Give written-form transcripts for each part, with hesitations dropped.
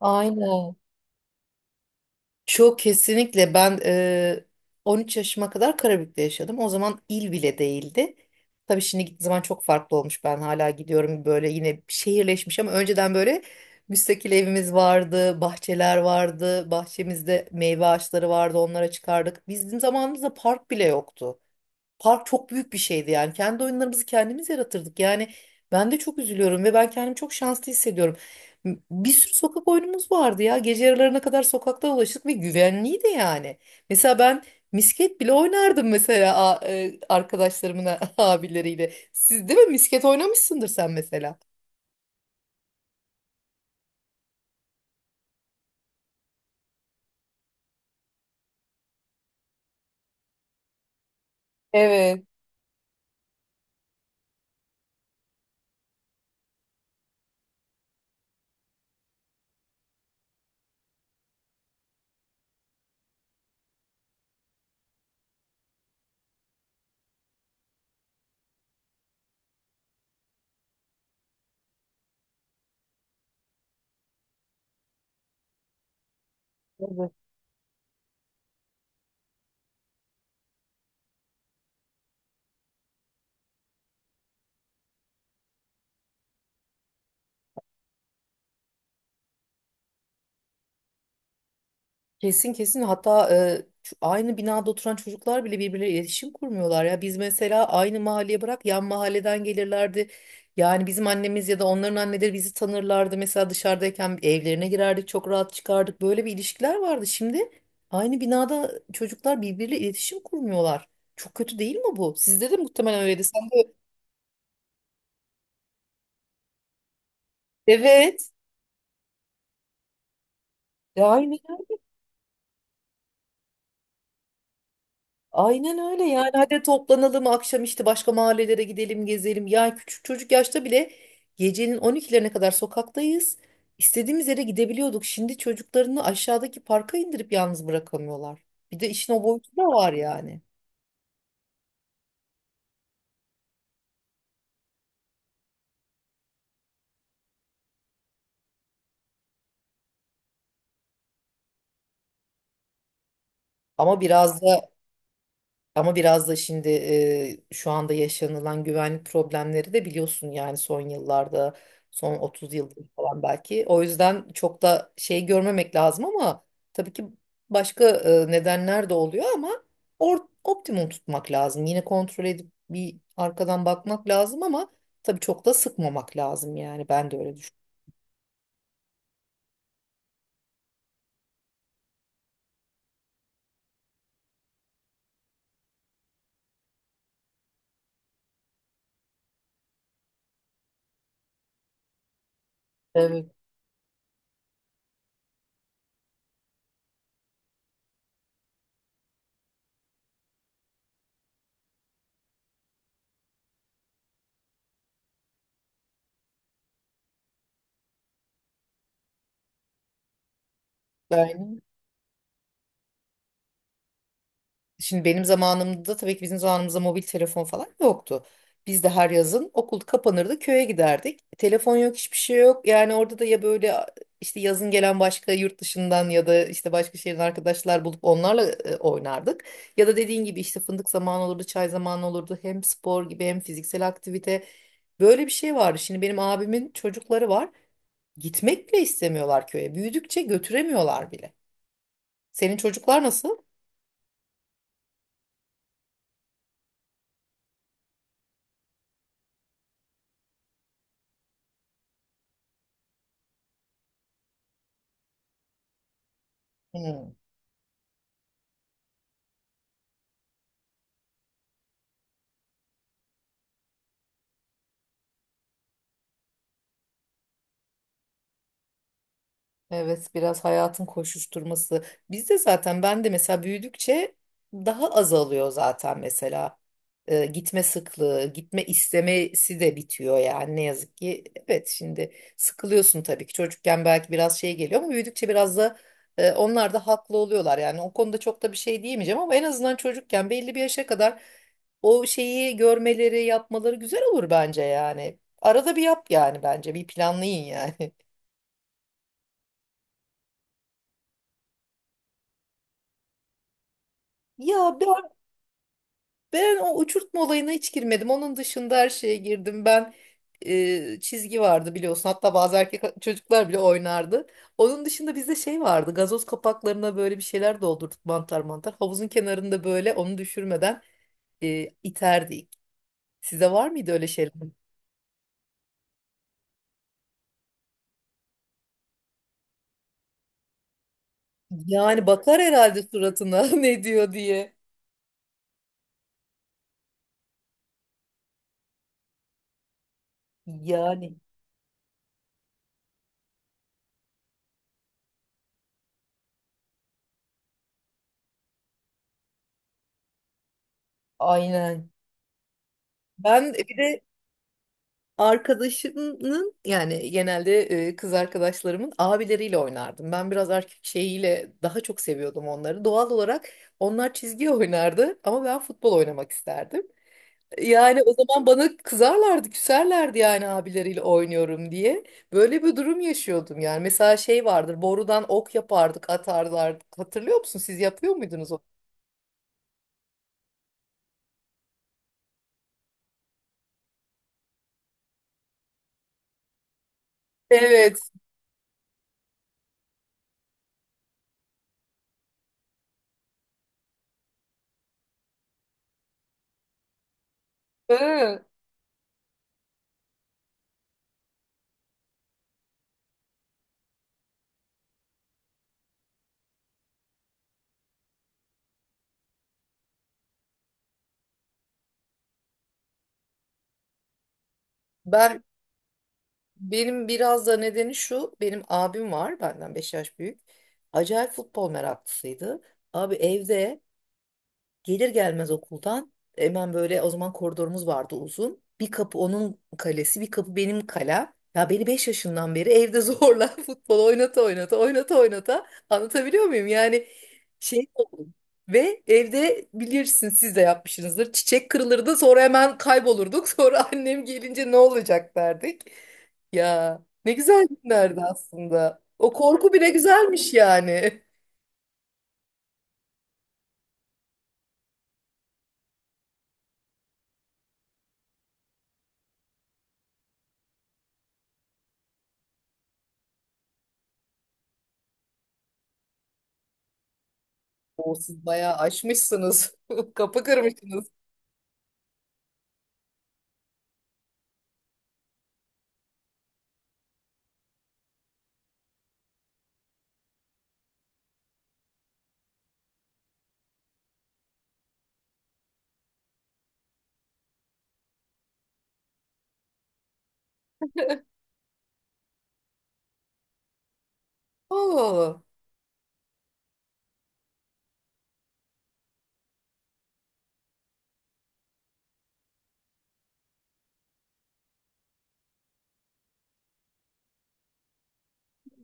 Aynen. Çok kesinlikle ben 13 yaşıma kadar Karabük'te yaşadım. O zaman il bile değildi. Tabii şimdi gittiğim zaman çok farklı olmuş. Ben hala gidiyorum böyle yine şehirleşmiş ama önceden böyle müstakil evimiz vardı, bahçeler vardı, bahçemizde meyve ağaçları vardı, onlara çıkardık. Bizim zamanımızda park bile yoktu. Park çok büyük bir şeydi yani. Kendi oyunlarımızı kendimiz yaratırdık. Yani ben de çok üzülüyorum ve ben kendimi çok şanslı hissediyorum. Bir sürü sokak oyunumuz vardı ya. Gece yarılarına kadar sokakta dolaştık ve güvenliydi yani. Mesela ben misket bile oynardım mesela arkadaşlarımın abileriyle. Siz değil mi misket oynamışsındır sen mesela? Evet. Kesin kesin hatta şu aynı binada oturan çocuklar bile birbirleriyle iletişim kurmuyorlar ya. Biz mesela aynı mahalleye bırak yan mahalleden gelirlerdi. Yani bizim annemiz ya da onların anneleri bizi tanırlardı. Mesela dışarıdayken evlerine girerdik çok rahat çıkardık. Böyle bir ilişkiler vardı. Şimdi aynı binada çocuklar birbiriyle iletişim kurmuyorlar. Çok kötü değil mi bu? Sizde de muhtemelen öyleydi. Sen de evet. Ya aynı Aynen öyle yani hadi toplanalım akşam işte başka mahallelere gidelim gezelim. Yani küçük çocuk yaşta bile gecenin 12'lerine kadar sokaktayız. İstediğimiz yere gidebiliyorduk. Şimdi çocuklarını aşağıdaki parka indirip yalnız bırakamıyorlar. Bir de işin o boyutu da var yani. Ama biraz da Ama biraz da şimdi şu anda yaşanılan güvenlik problemleri de biliyorsun yani son yıllarda, son 30 yıldır falan belki. O yüzden çok da şey görmemek lazım ama tabii ki başka nedenler de oluyor ama or optimum tutmak lazım. Yine kontrol edip bir arkadan bakmak lazım ama tabii çok da sıkmamak lazım yani ben de öyle düşünüyorum. Evet. Şimdi benim zamanımda tabii ki bizim zamanımızda mobil telefon falan yoktu. Biz de her yazın okul kapanırdı köye giderdik. Telefon yok hiçbir şey yok. Yani orada da ya böyle işte yazın gelen başka yurt dışından ya da işte başka şehrin arkadaşlar bulup onlarla oynardık. Ya da dediğin gibi işte fındık zamanı olurdu, çay zamanı olurdu. Hem spor gibi hem fiziksel aktivite. Böyle bir şey vardı. Şimdi benim abimin çocukları var. Gitmek bile istemiyorlar köye. Büyüdükçe götüremiyorlar bile. Senin çocuklar nasıl? Hmm. Evet biraz hayatın koşuşturması. Bizde zaten ben de mesela büyüdükçe daha azalıyor zaten mesela. Gitme sıklığı, gitme istemesi de bitiyor yani ne yazık ki. Evet şimdi sıkılıyorsun tabii ki. Çocukken belki biraz şey geliyor ama büyüdükçe biraz da onlar da haklı oluyorlar. Yani o konuda çok da bir şey diyemeyeceğim ama en azından çocukken belli bir yaşa kadar o şeyi görmeleri, yapmaları güzel olur bence yani. Arada bir yap yani bence. Bir planlayın yani. Ya bir Ben o uçurtma olayına hiç girmedim. Onun dışında her şeye girdim. Ben çizgi vardı biliyorsun. Hatta bazı erkek çocuklar bile oynardı. Onun dışında bizde şey vardı. Gazoz kapaklarına böyle bir şeyler doldurduk mantar mantar. Havuzun kenarında böyle onu düşürmeden iterdik. Size var mıydı öyle şeyler? Yani bakar herhalde suratına ne diyor diye. Yani aynen. Ben bir de Arkadaşımın yani genelde kız arkadaşlarımın abileriyle oynardım. Ben biraz erkek şeyiyle daha çok seviyordum onları. Doğal olarak onlar çizgi oynardı ama ben futbol oynamak isterdim. Yani o zaman bana kızarlardı, küserlerdi yani abileriyle oynuyorum diye. Böyle bir durum yaşıyordum yani. Mesela şey vardır, borudan ok yapardık, atarlardık. Hatırlıyor musun? Siz yapıyor muydunuz o? Evet. Hı. Ben Benim biraz da nedeni şu, benim abim var, benden 5 yaş büyük. Acayip futbol meraklısıydı. Abi evde Gelir gelmez okuldan hemen böyle o zaman koridorumuz vardı uzun. Bir kapı onun kalesi, bir kapı benim kalem. Ya beni 5 yaşından beri evde zorla futbol oynata oynata oynata oynata anlatabiliyor muyum? Yani şey oldum. Ve evde bilirsin siz de yapmışsınızdır. Çiçek kırılırdı sonra hemen kaybolurduk. Sonra annem gelince ne olacak derdik. Ya ne güzel günlerdi aslında. O korku bile güzelmiş yani. O siz bayağı aşmışsınız. Kapı kırmışsınız. Oo,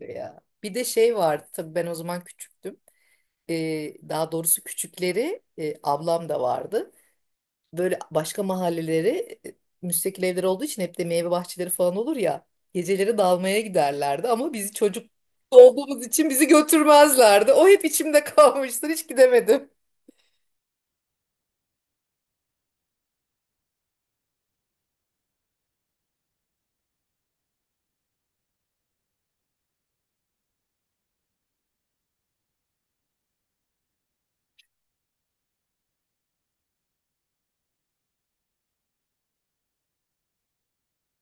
ya. Bir de şey vardı tabii ben o zaman küçüktüm. Daha doğrusu küçükleri ablam da vardı. Böyle başka mahalleleri e, müstakil evler olduğu için hep de meyve bahçeleri falan olur ya. Geceleri dalmaya giderlerdi ama bizi çocuk olduğumuz için bizi götürmezlerdi. O hep içimde kalmıştır hiç gidemedim.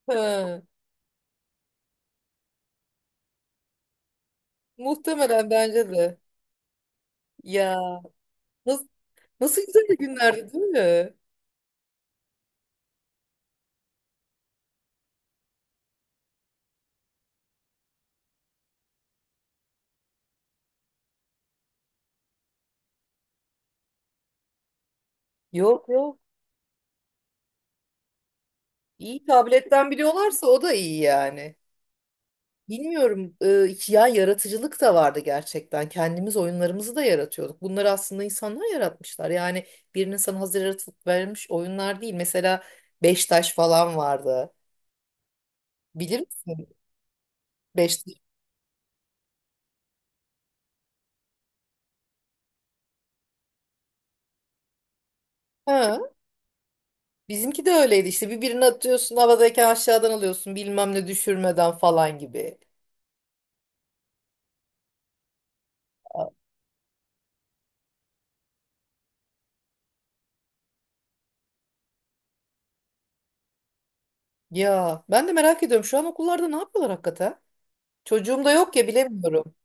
Ha, muhtemelen bence de. Ya nasıl, nasıl güzel günlerdi değil mi? Yok yok. İyi tabletten biliyorlarsa o da iyi yani. Bilmiyorum ya yaratıcılık da vardı gerçekten. Kendimiz oyunlarımızı da yaratıyorduk. Bunları aslında insanlar yaratmışlar. Yani birinin sana hazır yaratıp vermiş oyunlar değil. Mesela beş taş falan vardı. Bilir misin? Beş taş. Ha, bizimki de öyleydi işte birbirini atıyorsun havadayken aşağıdan alıyorsun bilmem ne düşürmeden falan gibi. Ya ben de merak ediyorum şu an okullarda ne yapıyorlar hakikaten? Çocuğum da yok ya bilemiyorum.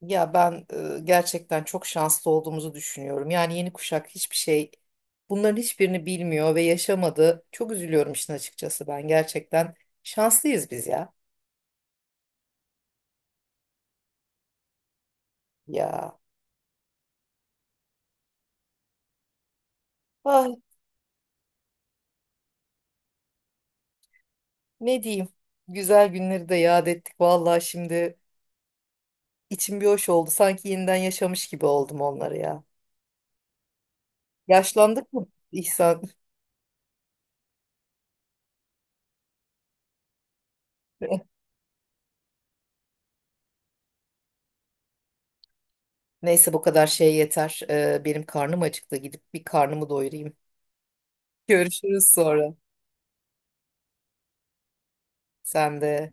Ya ben gerçekten çok şanslı olduğumuzu düşünüyorum. Yani yeni kuşak hiçbir şey bunların hiçbirini bilmiyor ve yaşamadı. Çok üzülüyorum işin açıkçası ben. Gerçekten şanslıyız biz ya. Ya ah ne diyeyim. Güzel günleri de yad ettik. Vallahi şimdi içim bir hoş oldu. Sanki yeniden yaşamış gibi oldum onları ya. Yaşlandık mı İhsan? Neyse bu kadar şey yeter. Benim karnım acıktı. Gidip bir karnımı doyurayım. Görüşürüz sonra. Sen de.